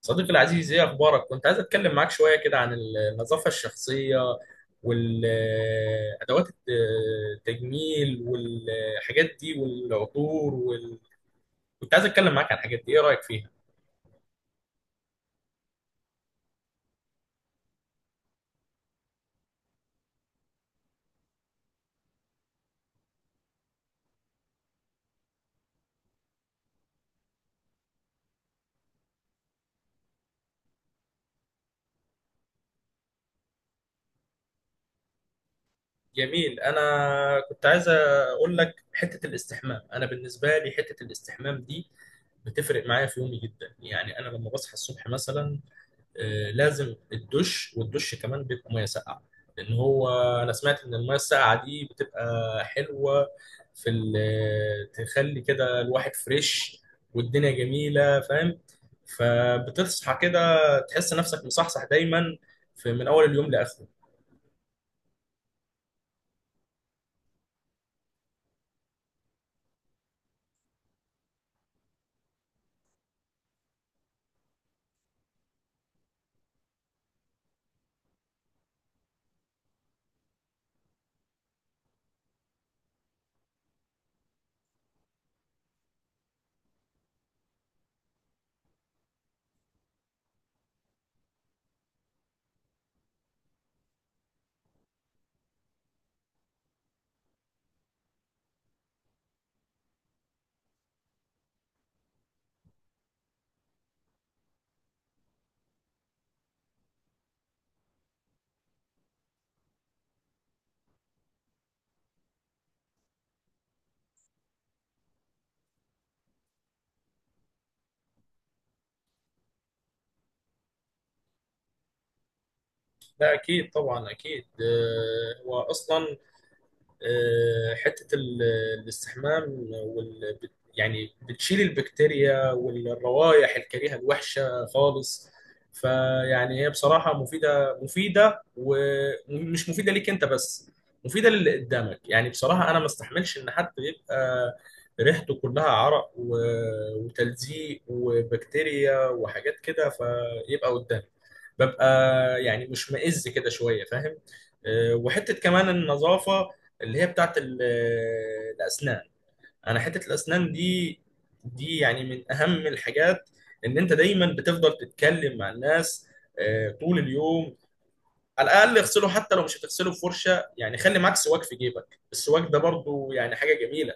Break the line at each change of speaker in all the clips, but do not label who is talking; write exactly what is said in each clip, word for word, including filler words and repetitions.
صديقي العزيز، ايه اخبارك؟ كنت عايز اتكلم معاك شويه كده عن النظافه الشخصيه، والادوات التجميل والحاجات دي والعطور وال... كنت عايز اتكلم معاك عن الحاجات دي، ايه رايك فيها؟ جميل. انا كنت عايز اقول لك حته الاستحمام. انا بالنسبه لي حته الاستحمام دي بتفرق معايا في يومي جدا. يعني انا لما بصحى الصبح مثلا آه، لازم الدش، والدش كمان بيبقى ميه ساقعه، لان هو انا سمعت ان الميه الساقعه دي بتبقى حلوه في ال- آه، تخلي كده الواحد فريش والدنيا جميله، فاهم؟ فبتصحى كده تحس نفسك مصحصح دايما في من اول اليوم لاخره. ده اكيد، طبعا اكيد. آه، هو اصلا آه، حتة ال- الاستحمام وال... يعني بتشيل البكتيريا والروائح الكريهة الوحشة خالص. فيعني هي بصراحة مفيدة، مفيدة ومش مفيدة ليك انت بس، مفيدة للي قدامك. يعني بصراحة انا ما استحملش ان حد يبقى ريحته كلها عرق و... وتلزيق وبكتيريا وحاجات كده، فيبقى قدامي، ببقى يعني مشمئز كده شوية، فاهم؟ آه، وحتة كمان النظافة اللي هي بتاعت ال- الأسنان. أنا حتة الأسنان دي، دي يعني من أهم الحاجات. إن أنت دايما بتفضل تتكلم مع الناس آه، طول اليوم، على الأقل اغسله حتى لو مش هتغسله بفرشة. يعني خلي معاك سواك في جيبك، السواك ده برضو يعني حاجة جميلة.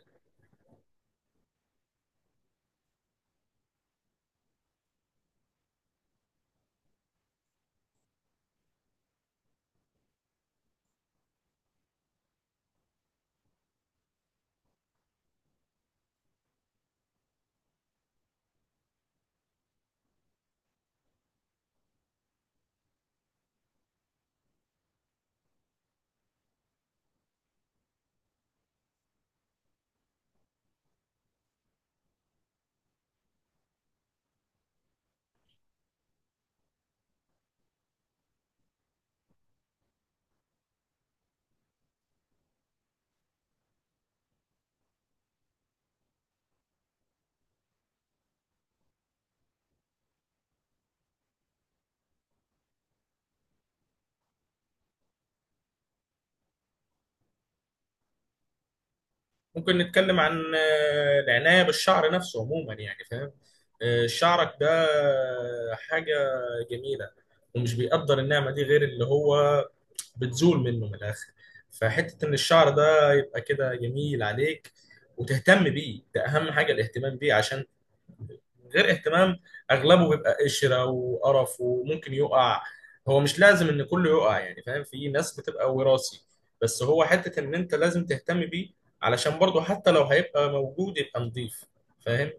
ممكن نتكلم عن آه، العناية بالشعر نفسه عموما، يعني فاهم؟ آه، شعرك ده حاجة جميلة، ومش بيقدر النعمة دي غير اللي هو بتزول منه من الاخر. فحته ان الشعر ده يبقى كده جميل عليك وتهتم بيه، ده اهم حاجه الاهتمام بيه، عشان غير اهتمام اغلبه بيبقى قشره وقرف وممكن يقع. هو مش لازم ان كله يقع، يعني فاهم، في ناس بتبقى وراثي، بس هو حته ان انت لازم تهتم بيه، علشان برضه حتى لو هيبقى موجود يبقى نظيف، فاهم؟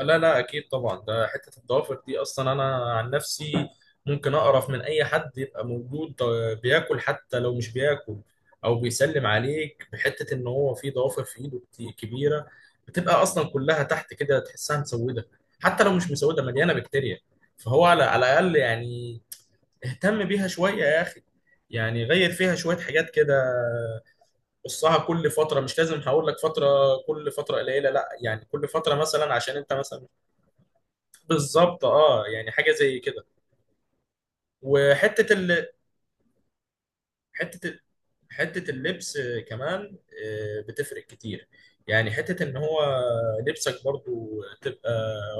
لا لا اكيد طبعا، ده حته الضوافر دي اصلا، انا عن نفسي ممكن اقرف من اي حد يبقى موجود آه، بياكل، حتى لو مش بياكل او بيسلم عليك، بحته ان هو في ضوافر في ايده كت- كبيره، بتبقى اصلا كلها تحت كده تحسها مسوده، حتى لو مش مسوده مليانه بكتيريا. فهو على على الاقل يعني اهتم بيها شويه يا اخي، يعني غير فيها شويه حاجات كده، قصها كل فتره. مش لازم هقول لك فتره، كل فتره قليله، لا يعني كل فتره مثلا عشان انت مثلا. بالظبط، اه، يعني حاجه زي كده. وحته ال... حته ال... حته اللبس كمان آه، بتفرق كتير، يعني حته ان هو لبسك برضو تبقى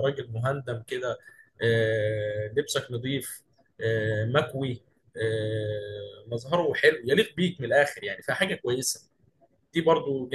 راجل مهندم كده، آه، لبسك نظيف، آه، مكوي، آه، مظهره حلو يليق بيك من الاخر، يعني فحاجه كويسه دي برضو.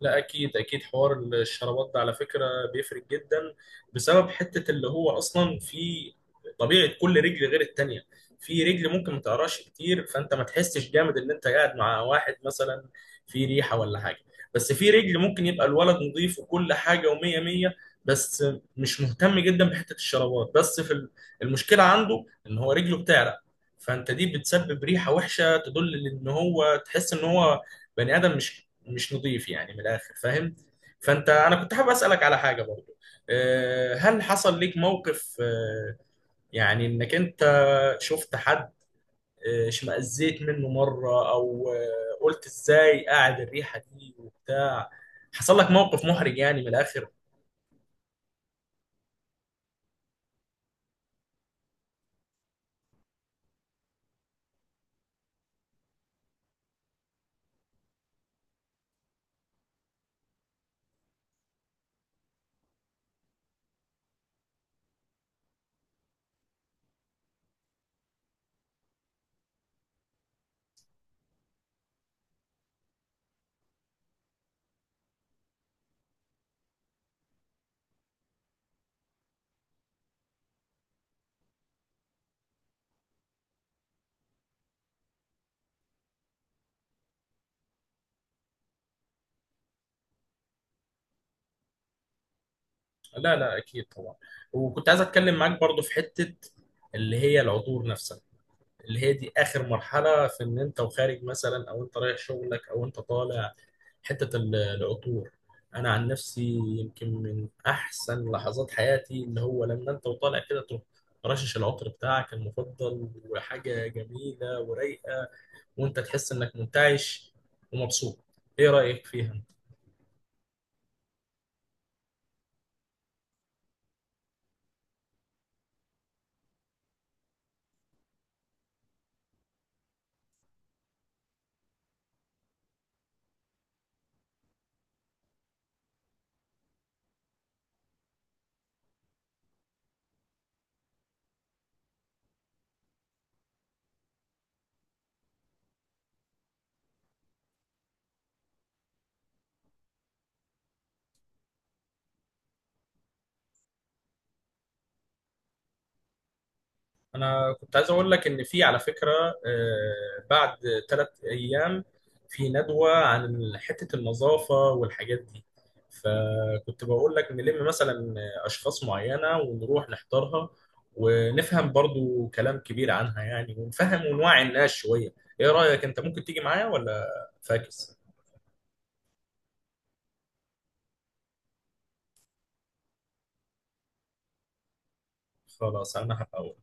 لا اكيد اكيد، حوار الشرابات ده على فكره بيفرق جدا، بسبب حته اللي هو اصلا في طبيعه كل رجل غير التانيه. في رجل ممكن ما تقراش كتير فانت ما تحسش جامد ان انت قاعد مع واحد مثلا في ريحه ولا حاجه، بس في رجل ممكن يبقى الولد نظيف وكل حاجه ومية مية، بس مش مهتم جدا بحته الشرابات، بس في ال- المشكله عنده ان هو رجله بتعرق، فانت دي بتسبب ريحه وحشه تدل ان هو، تحس ان هو بني ادم مش مش نظيف يعني من الاخر، فاهم؟ فانت، انا كنت حابب اسالك على حاجه برضو. آه، هل حصل ليك موقف آه، يعني انك انت شفت حد آه، اشمئزيت منه مره، او آه، قلت ازاي قاعد الريحه دي وبتاع؟ حصل لك موقف محرج يعني من الاخر؟ لا لا اكيد طبعا. وكنت عايز اتكلم معاك برضو في حته اللي هي العطور نفسها، اللي هي دي اخر مرحله في ان انت وخارج مثلا، او انت رايح شغلك او انت طالع. حتة ال- العطور، أنا عن نفسي يمكن من أحسن لحظات حياتي اللي هو لما أنت وطالع كده تروح رشش العطر بتاعك المفضل، وحاجة جميلة ورايقة، وأنت تحس إنك منتعش ومبسوط. إيه رأيك فيها؟ انا كنت عايز اقول لك ان في على فكره آه، بعد تلات ايام في ندوه عن حته النظافه والحاجات دي، فكنت بقول لك نلم مثلا اشخاص معينه ونروح نحضرها، ونفهم برضو كلام كبير عنها يعني، ونفهم ونوعي الناس شويه. ايه رايك، انت ممكن تيجي معايا ولا فاكس؟ خلاص، انا هبقى أقول.